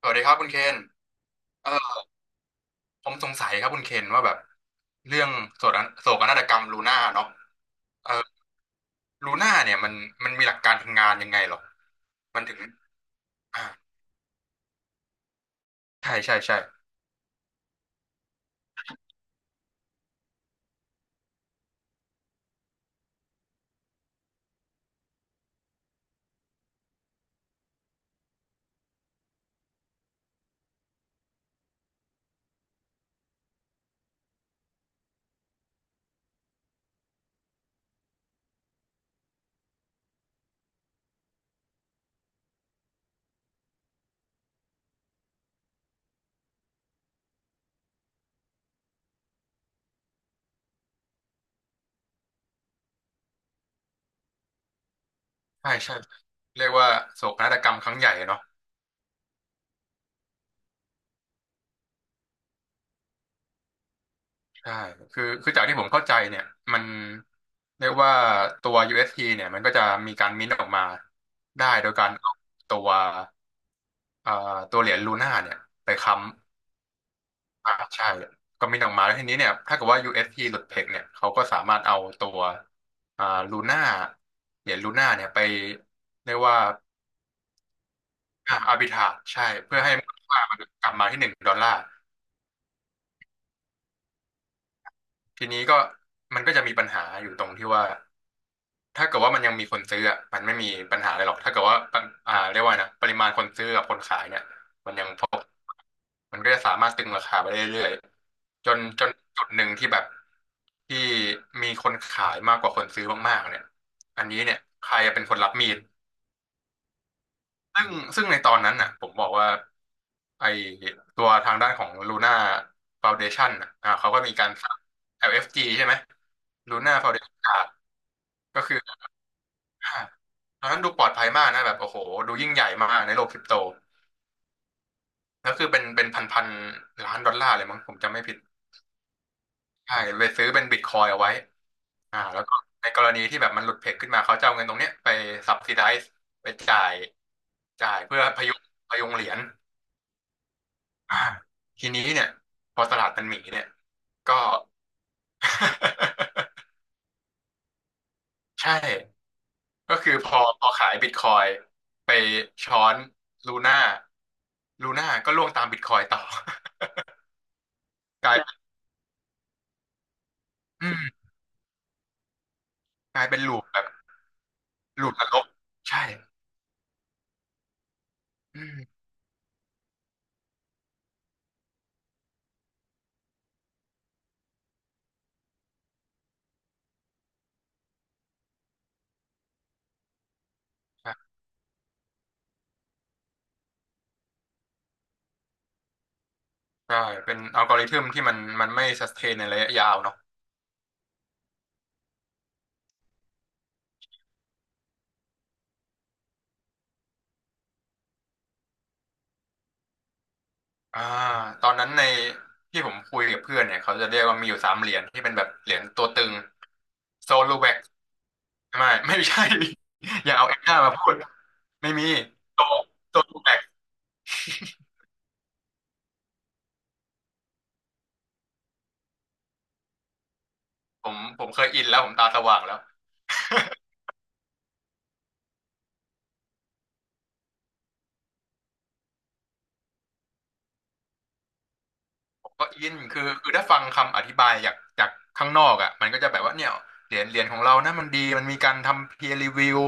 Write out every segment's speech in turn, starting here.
สวัสดีครับคุณเคนเออผมสงสัยครับคุณเคนว่าแบบเรื่องโศกนาฏกรรมลูน่าเนาะเออลูน่าเนี่ยมันมีหลักการทำงานยังไงหรอ มันถึงอ่าใช่ใช่ใช่ใช่ใช่เรียกว่าโศกนาฏกรรมครั้งใหญ่เนาะใช่คือจากที่ผมเข้าใจเนี่ยมันเรียกว่าตัว u s t เนี่ยมันก็จะมีการมิ้นท์ออกมาได้โดยการเอาตัวเอ่อตัวเหรียญลูน่าเนี่ยไปค้ำ อ่าใช่ก็มีออกมาแล้วทีนี้เนี่ยถ้าเกิดว่า UST หลุดเทคเนี่ยเขาก็สามารถเอาตัวอ่าลูน่าเหรียญลูน่าเนี่ยไปเรียกว่าอาร์บิทาจใช่เพื่อให้มูลค่ามันกลับมาที่หนึ่งดอลลาร์ทีนี้ก็มันก็จะมีปัญหาอยู่ตรงที่ว่าถ้าเกิดว่ามันยังมีคนซื้ออะมันไม่มีปัญหาอะไรหรอกถ้าเกิดว่าปริอ่าเรียกว่าไงนะปริมาณคนซื้อกับคนขายเนี่ยมันยังพอ มันก็จะสามารถตึงราคาไปเรื่อยๆจนจุดหนึ่งที่แบบที่มีคนขายมากกว่าคนซื้อมากๆเนี่ยอันนี้เนี่ยใครเป็นคนรับมีดซึ่งซึ่งในตอนนั้นน่ะผมบอกว่าไอตัวทางด้านของ Luna Foundation น่ะเขาก็มีการสร้าง LFG ใช่ไหม Luna Foundation ครับก็คืออ่าตอนนั้นดูปลอดภัยมากนะแบบโอ้โหดูยิ่งใหญ่มากในโลกคริปโตแล้วคือเป็นพันพันล้านดอลลาร์เลยมั้งผมจำไม่ผิด ใช่ไปซื้อเป็นบิตคอยเอาไว้แล้วก็ในกรณีที่แบบมันหลุดเพกขึ้นมาเขาจะเอาเงินตรงเนี้ยไปซับซิไดซ์ไปจ่ายจ่ายเพื่อพยุงพยุงเหรียญอ่าทีนี้เนี่ยพอตลาดมันหมีเนี่ยก็ ใช่ก็คือพอขายบิตคอยไปช้อนลูน่าลูน่าก็ล่วงตามบิตคอยต่อ กลายเป็นอืมกลายเป็นลูปแบบลูปนรกใช่อืม ใช่เป็นอัลกอริทึมที่มันไม่สเตนในระยะยาวเนาะอ่าตอนนั้นที่ผมคุยกับเพื่อนเนี่ยเขาจะเรียกว่ามีอยู่สามเหรียญที่เป็นแบบเหรียญตัวตึงโซลูแวกไม่ ไม่ใช่ อย่าเอาเอ็น้ามาพูดไม่มีโซโซลูแวกผมเคยอินแล้วผมตาสว่างแล้วผมก็อินคือถ้าฟังคำอธิบายจากข้างนอกอ่ะมันก็จะแบบว่าเนี่ยเหรียญของเรานะมันดีมันมีการทำ peer review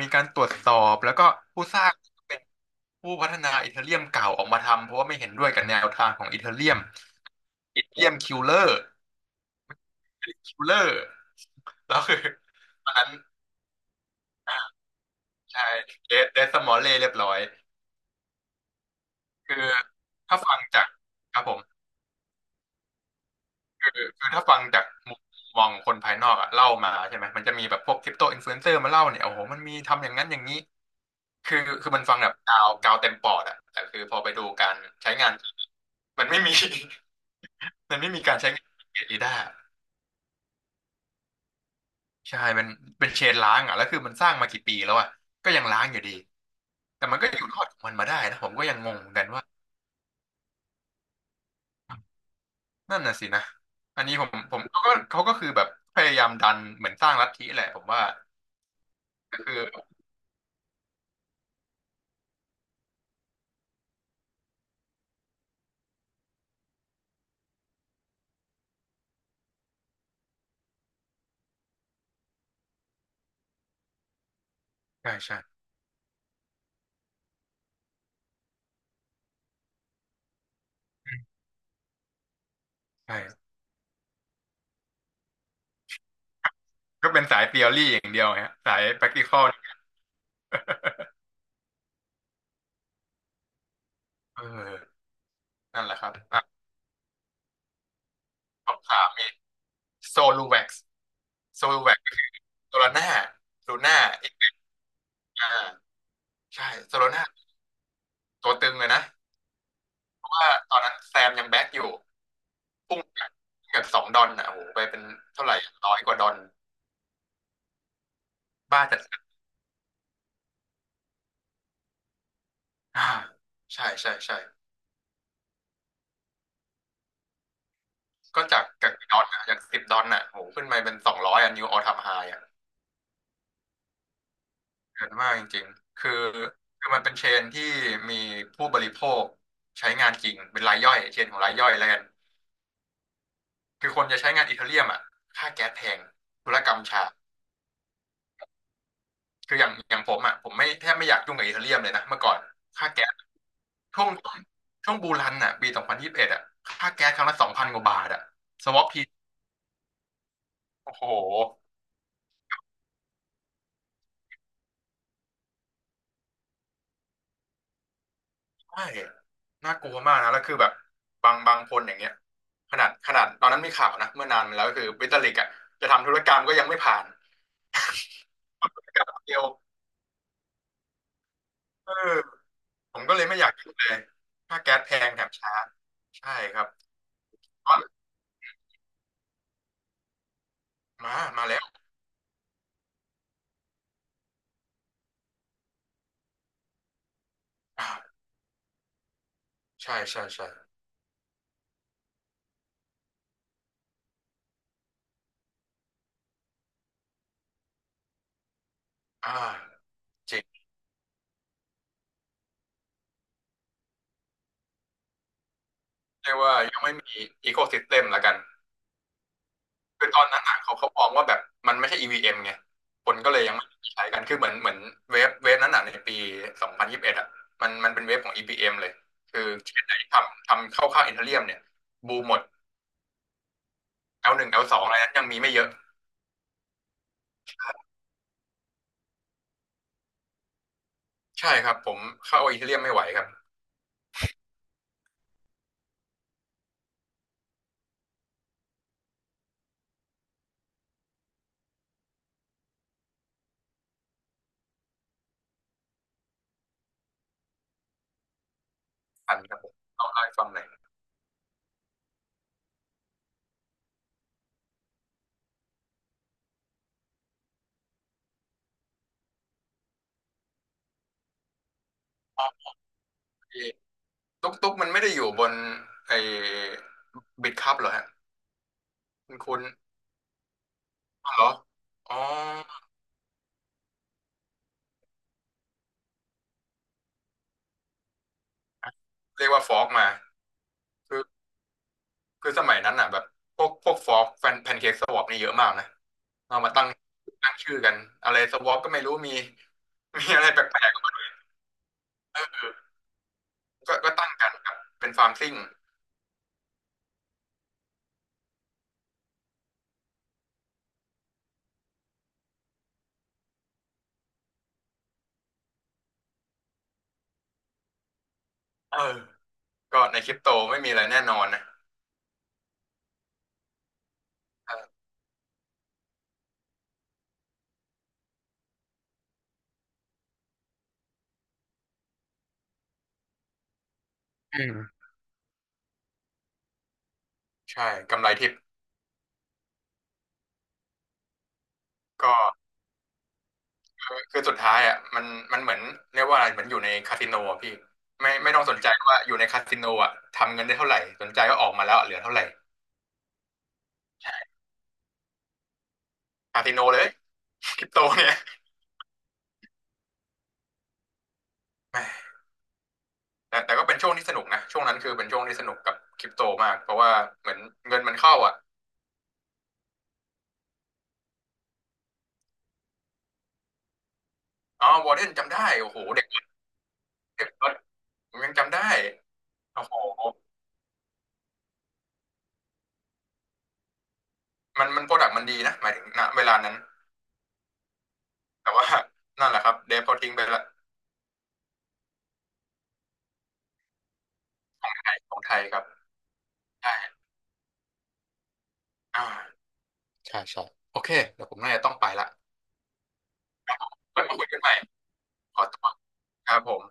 มีการตรวจสอบแล้วก็ผู้สร้าง ผู้พัฒนาอีเธอเรียมเก่าออกมาทำเพราะว่าไม่เห็นด้วยกับแนวทางของอีเธอเรียมอีเธอเรียมคิลเลอร์คิลเลอร์แล้วคือตอนนั้นอ่าใช่เดสมอลเล่เรียบร้อยคือถ้าฟังจากครับผมคือถ้าฟังจากมุมมองคนภายนอกอะเล่ามาใช่ไหมมันจะมีแบบพวกคริปโตอินฟลูเอนเซอร์มาเล่าเนี่ยโอ้โหมันมีทำอย่างนั้นอย่างนี้คือมันฟังแบบกาวกาวเต็มปอดอะแต่คือพอไปดูการใช้งานมันไม่มี มันไม่มีการใช้งานของีด้ ใช่เป็นเชนล้างอ่ะแล้วคือมันสร้างมากี่ปีแล้วอ่ะก็ยังล้างอยู่ดีแต่มันก็อยู่รอดของมันมาได้นะผมก็ยังงงเหมือนกันว่านั่นน่ะสินะอันนี้ผมเขาก็คือแบบพยายามดันเหมือนสร้างลัทธิแหละผมว่าก็คือใช่ใช่ใช่ก็เป็นสาย t e o รีอย่างเดียวฮะสาย practical นี่เออนั่นแหละครับอ่ะคำถามมีโซลูแว็กซ์โซลูแว็กซ์โซลาน่าลูน่าเอ็นอาใช่โซลาน่าตัวตึงเลยนะเพราะว่าตอนนั้นแซมยังแบ็คอยู่ พุ่งจากับสองดอลน่ะโอ้โหไปเป็นเท่าไหร่ร้อยกว่าดอนบ้าจัดอ่าใช่ใช่ใช่ก็จากดอลน่ะจากสิบดอลน่ะโอ้โหขึ้นไปเป็นสองร้อยอ่ะนิวออลไทมไฮอ่ะเกินมากจริงๆคือมันเป็นเชนที่มีผู้บริโภคใช้งานจริงเป็นรายย่อยเชนของรายย่อยแล้วกันคือคนจะใช้งานอีเธอเรียมอ่ะค่าแก๊สแพงธุรกรรมช้า คืออย่างอย่างผมอ่ะผมไม่แทบไม่อยากยุ่งกับอีเธอเรียมเลยนะเมื่อก่อนค่าแก๊สช่วงช่วงบูรันอ่ะปีสองพันยี่สิบเอ็ดอ่ะค่าแก๊สครั้งละสองพันกว่าบาทอ่ะสวอปทีโอ้โหใช่น่ากลัวมากนะแล้วคือแบบบางคนอย่างเงี้ยขนาดตอนนั้นมีข่าวนะเมื่อนานมาแล้วก็คือบิตลิกอ่ะจะทำธุรกรรมก็ยังไม่ผ่านทำธุรกรรมเดียวเออผมก็เลยไม่อยากยุ่งเลยค่าแก๊สแพงแถมช้าใช่ครับมาแล้วอ่าใช่ใช่ใช่อ่าจริง เรียกว่ายังไม่มีอีโคซิสเต็มละกันคือตอนนั้นอ่ะเขามองว่าแบบมันไม่ใช่ EVM ไงคนก็เลยยังไม่ใช้กันคือเหมือนเวฟนั้นอ่ะในปี2021องพันยี่สิบเอ็ดอะมันเป็นเวฟของ e v m เอ็มเลยคือเชนไหนทำเข้าค่ายอีเธเรียมเนี่ยบูมหมด L1 L2 อลสองอะไรนั้นยังมีไม่เยอะใช่ครับผมเข้าอีเธเรียมไม่ไหวครับอันครับผมเล่าให้ฟังหน่อยอ๋อไอ้ตุ๊กตุ๊กมันไม่ได้อยู่บนไอ้บิตคัพเหรอฮะคุณเหรออ๋อเรียกว่าฟอกมาคือ คือสมัยนั้นอ่ะแบบพวกฟอกแฟนแพนเค้กสวอปนี่เยอะมากนะเอามาตั้งตั้งชื่อกันอะไรสวอปก็ไม่รู้มีมีอะไรแปลกๆก็ตั้งกันครับเป็นฟาร์มซิ่งเออก็ในคริปโตไม่มีอะไรแน่นอนนะเอออืมใช่กำไรทิปก็คือสุดท้ายอ่ะมันมันเหมือนเรียกว่าอะไรเหมือนอยู่ในคาสิโนอ่ะพี่ไม่ต้องสนใจว่าอยู่ในคาสิโนอ่ะทำเงินได้เท่าไหร่สนใจก็ออกมาแล้วเหลือเท่าไหร่คาสิโนเลยคริปโตเนี่ยแหม แต่ก็เป็นช่วงที่สนุกนะช่วงนั้นคือเป็นช่วงที่สนุกกับคริปโตมากเพราะว่าเหมือนเงินมันเข้าอ่ะอ๋อวอร์เดนจำได้โอ้โหเด็กเด็กรถผมยังจำได้โอ้โหมันโปรดักต์มันดีนะหมายถึงณเวลานั้นแต่ว่านั่นแหละครับเดฟเขาทิ้งไปละของไทยครับใช่อ่าใช่ใช่โอเคเดี๋ยวผมน่าจะต้องไปละครับผมไว้มาคุยกันใหม่ขอตัวครับผม